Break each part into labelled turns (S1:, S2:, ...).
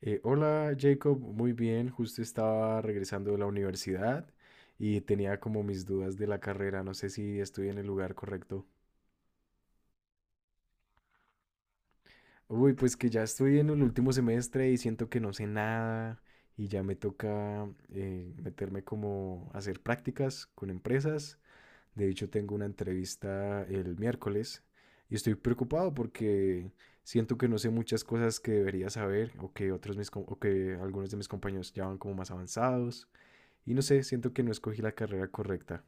S1: Hola Jacob, muy bien, justo estaba regresando de la universidad y tenía como mis dudas de la carrera, no sé si estoy en el lugar correcto. Uy, pues que ya estoy en el último semestre y siento que no sé nada y ya me toca meterme como a hacer prácticas con empresas. De hecho, tengo una entrevista el miércoles y estoy preocupado porque siento que no sé muchas cosas que debería saber o que o que algunos de mis compañeros ya van como más avanzados. Y no sé, siento que no escogí la carrera correcta.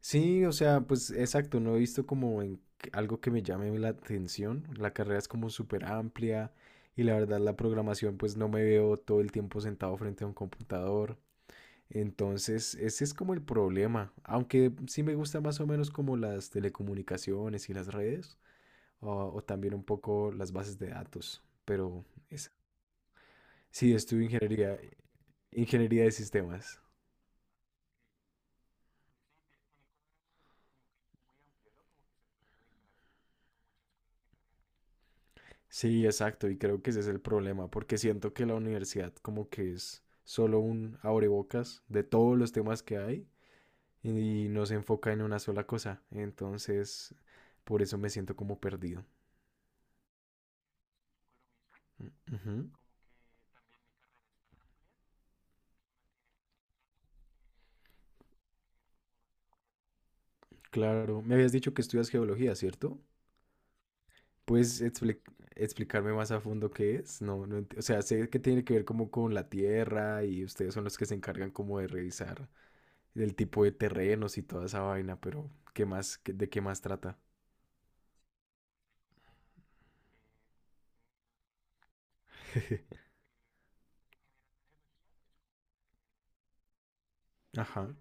S1: Sí, o sea, pues exacto, no he visto como algo que me llame la atención. La carrera es como súper amplia y la verdad la programación pues no me veo todo el tiempo sentado frente a un computador. Entonces, ese es como el problema. Aunque sí me gusta más o menos como las telecomunicaciones y las redes o también un poco las bases de datos. Pero es- sí, estudio ingeniería, ingeniería de sistemas. Sí, exacto, y creo que ese es el problema, porque siento que la universidad como que es solo un abrebocas de todos los temas que hay y no se enfoca en una sola cosa, entonces por eso me siento como perdido. Ujú. Claro, me habías dicho que estudias geología, ¿cierto? ¿Puedes explicarme más a fondo qué es? No, o sea, sé que tiene que ver como con la tierra y ustedes son los que se encargan como de revisar el tipo de terrenos y toda esa vaina, pero ¿qué más, de qué más trata? Ajá,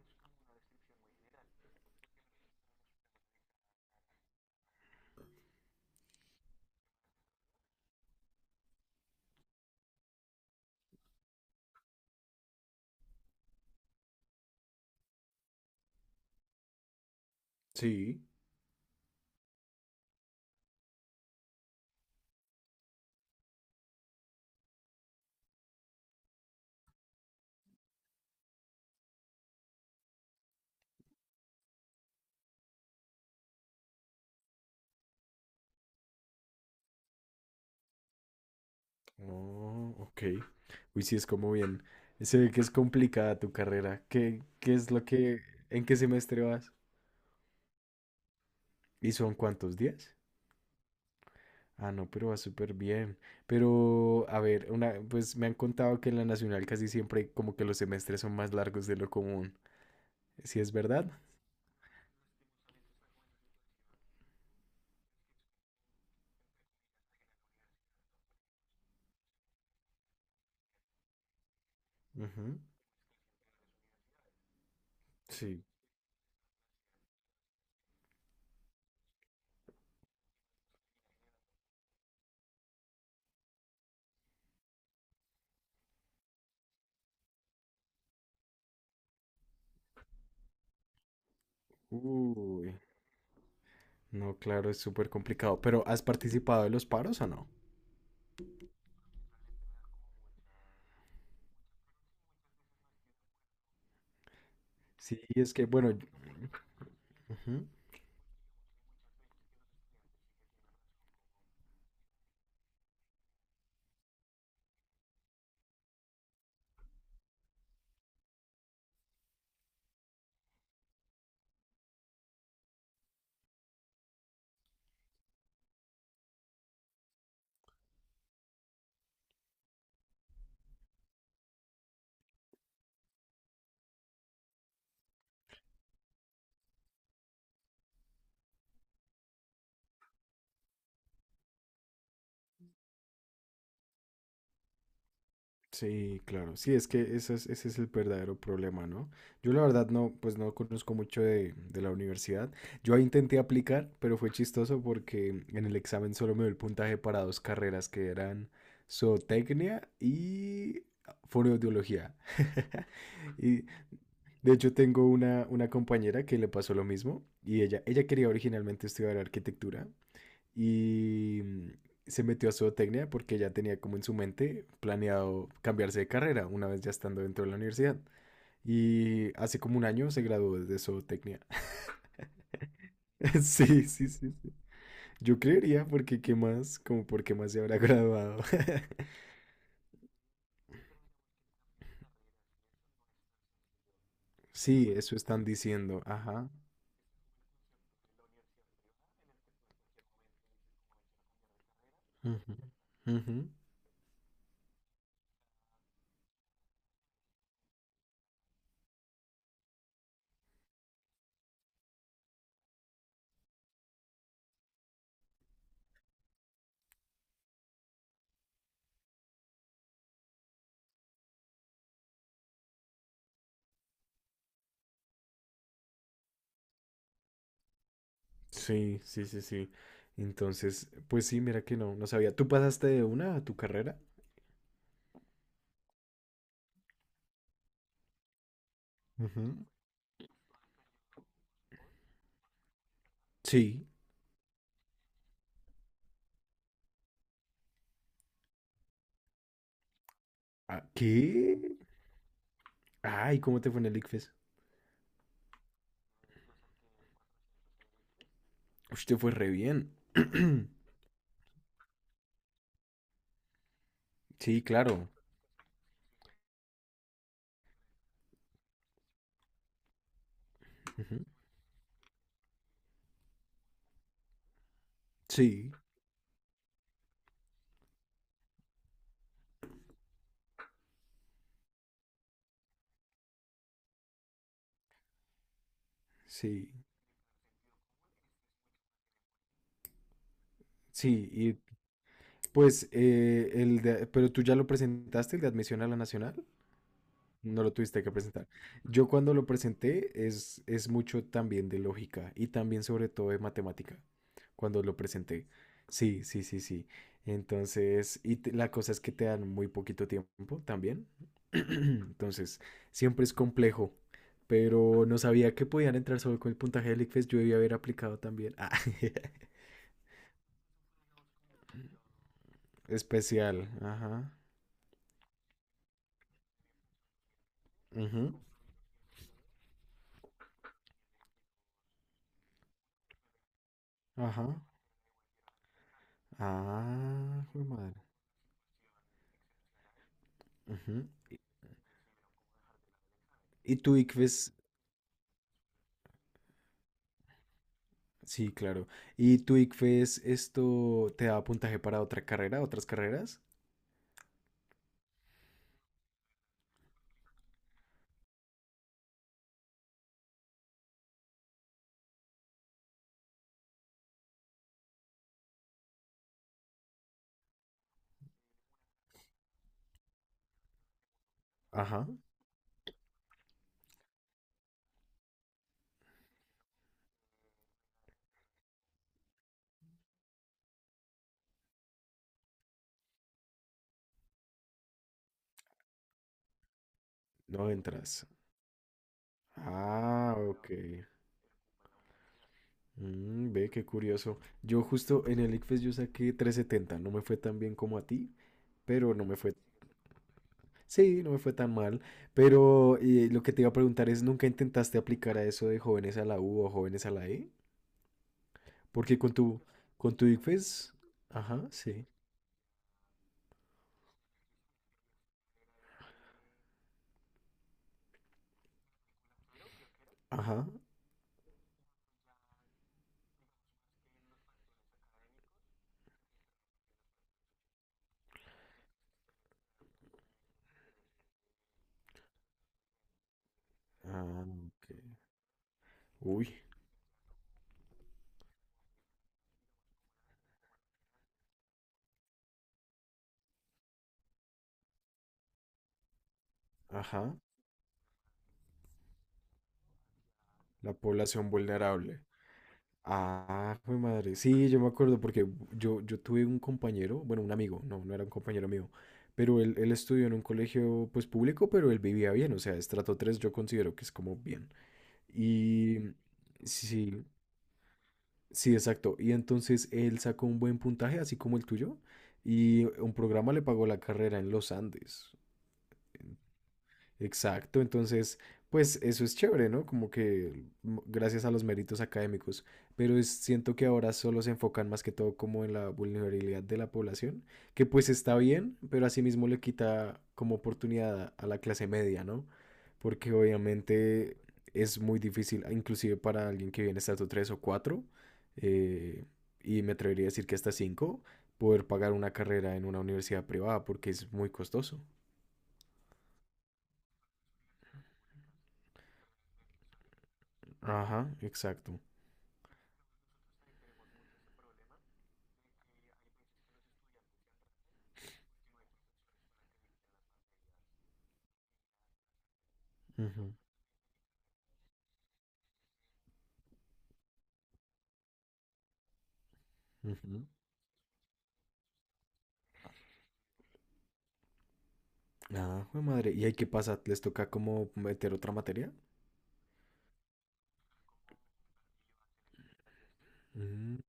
S1: sí. Oh, ok. Uy, sí, es como bien. Se ve que es complicada tu carrera. ¿Qué es lo que, en qué semestre vas? ¿Y son cuántos días? Ah, no, pero va súper bien. Pero, a ver, una, pues me han contado que en la nacional casi siempre como que los semestres son más largos de lo común. ¿Sí es verdad? Ujú. Sí. Uy. No, claro, es súper complicado. Pero, ¿has participado en los paros o no? Sí, es que, bueno, ujú. Sí, claro. Sí, es que ese es el verdadero problema, ¿no? Yo la verdad no, pues no conozco mucho de la universidad. Yo ahí intenté aplicar, pero fue chistoso porque en el examen solo me dio el puntaje para dos carreras que eran zootecnia y fonoaudiología. Y de hecho tengo una compañera que le pasó lo mismo y ella quería originalmente estudiar arquitectura, y se metió a zootecnia porque ya tenía como en su mente planeado cambiarse de carrera una vez ya estando dentro de la universidad. Y hace como un año se graduó de zootecnia. Sí, sí, sí, sí. Yo creería porque qué más, como por qué más se habrá graduado. Sí, eso están diciendo. Ajá. Ujú, ujú. Sí, sí, sí, sí. Entonces, pues sí, mira que no, no sabía. ¿Tú pasaste de una a tu carrera? Ujú. Sí. ¿A qué? Ay, ¿cómo te fue en el ICFES? Ush, te fue re bien. Sí, claro. Ujú. Sí, sí, sí. Y pues, pero tú ya lo presentaste, el de admisión a la nacional. No lo tuviste que presentar. Yo cuando lo presenté es mucho también de lógica y también sobre todo de matemática. Cuando lo presenté. Sí, sí, sí, sí. Entonces, la cosa es que te dan muy poquito tiempo también. Entonces, siempre es complejo. Pero no sabía que podían entrar solo con el puntaje del ICFES. Yo debía haber aplicado también. Ah, especial. Ajá. Ujú. Ajá. Ah, jue madre. Ujú. ¿Y tu ICFES? Sí, claro. ¿Y tu ICFES esto te da puntaje para otra carrera, otras carreras? Ajá, no entras. Ah, ok. Mm, ve, qué curioso. Yo justo en el ICFES yo saqué 370. No me fue tan bien como a ti, pero no me fue... Sí, no me fue tan mal, pero lo que te iba a preguntar es, ¿nunca intentaste aplicar a eso de jóvenes a la U o jóvenes a la E? Porque con tu ICFES... Ajá, sí. Ajá. Ah, ok. Uy, ajá. La población vulnerable. Ah, mi madre. Sí, yo me acuerdo porque yo tuve un compañero, bueno, un amigo, no, no era un compañero mío, pero él estudió en un colegio pues público, pero él vivía bien, o sea, estrato 3 yo considero que es como bien. Y sí, sí, exacto. Y entonces él sacó un buen puntaje, así como el tuyo, y un programa le pagó la carrera en los Andes. Exacto, entonces, pues eso es chévere, ¿no? Como que mm, gracias a los méritos académicos, pero siento que ahora solo se enfocan más que todo como en la vulnerabilidad de la población, que pues está bien, pero asimismo le quita como oportunidad a la clase media, ¿no? Porque obviamente es muy difícil, inclusive para alguien que viene estatus 3 o 4 eh, y me atrevería a decir que hasta 5, poder pagar una carrera en una universidad privada porque es muy costoso. Ajá, exacto. Ujú, ujú. Ah, jue madre. ¿Y ahí qué pasa? ¿Les toca como meter otra materia? Mm.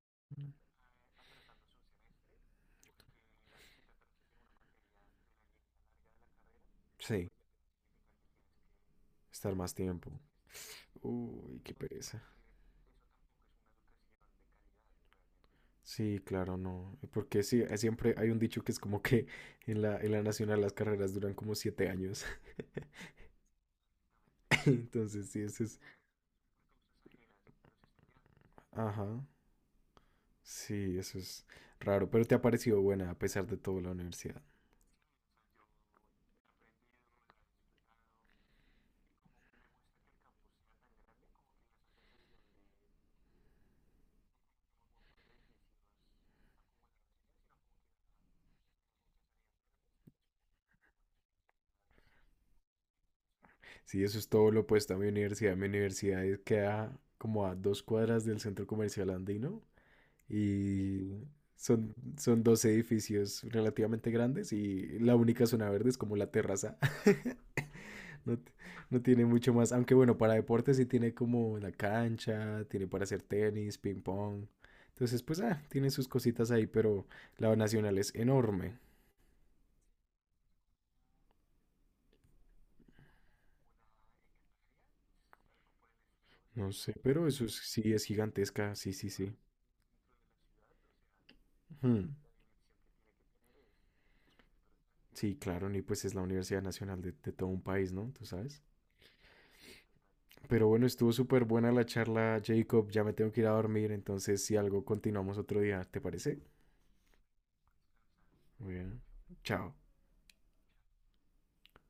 S1: Sí, estar más tiempo. Uy, qué pereza. Sí, claro, no. Porque sí, siempre hay un dicho que es como que en la nacional las carreras duran como 7 años. Entonces, sí, eso es. Ajá. Sí, eso es raro. Pero te ha parecido buena a pesar de todo la universidad. Sí, eso es todo lo opuesto a mi universidad. Mi universidad queda como a 2 cuadras del centro comercial andino. Y son dos edificios relativamente grandes y la única zona verde es como la terraza. No, no tiene mucho más. Aunque bueno, para deportes sí tiene como la cancha, tiene para hacer tenis, ping pong. Entonces, pues, ah, tiene sus cositas ahí, pero la nacional es enorme. No sé, pero eso sí es gigantesca. Sí, sí, sí. Ujú. Sí, claro, y pues es la Universidad Nacional de todo un país, ¿no? Tú sabes. Pero bueno, estuvo súper buena la charla, Jacob. Ya me tengo que ir a dormir, entonces si algo continuamos otro día, ¿te parece? Muy bien. Chao.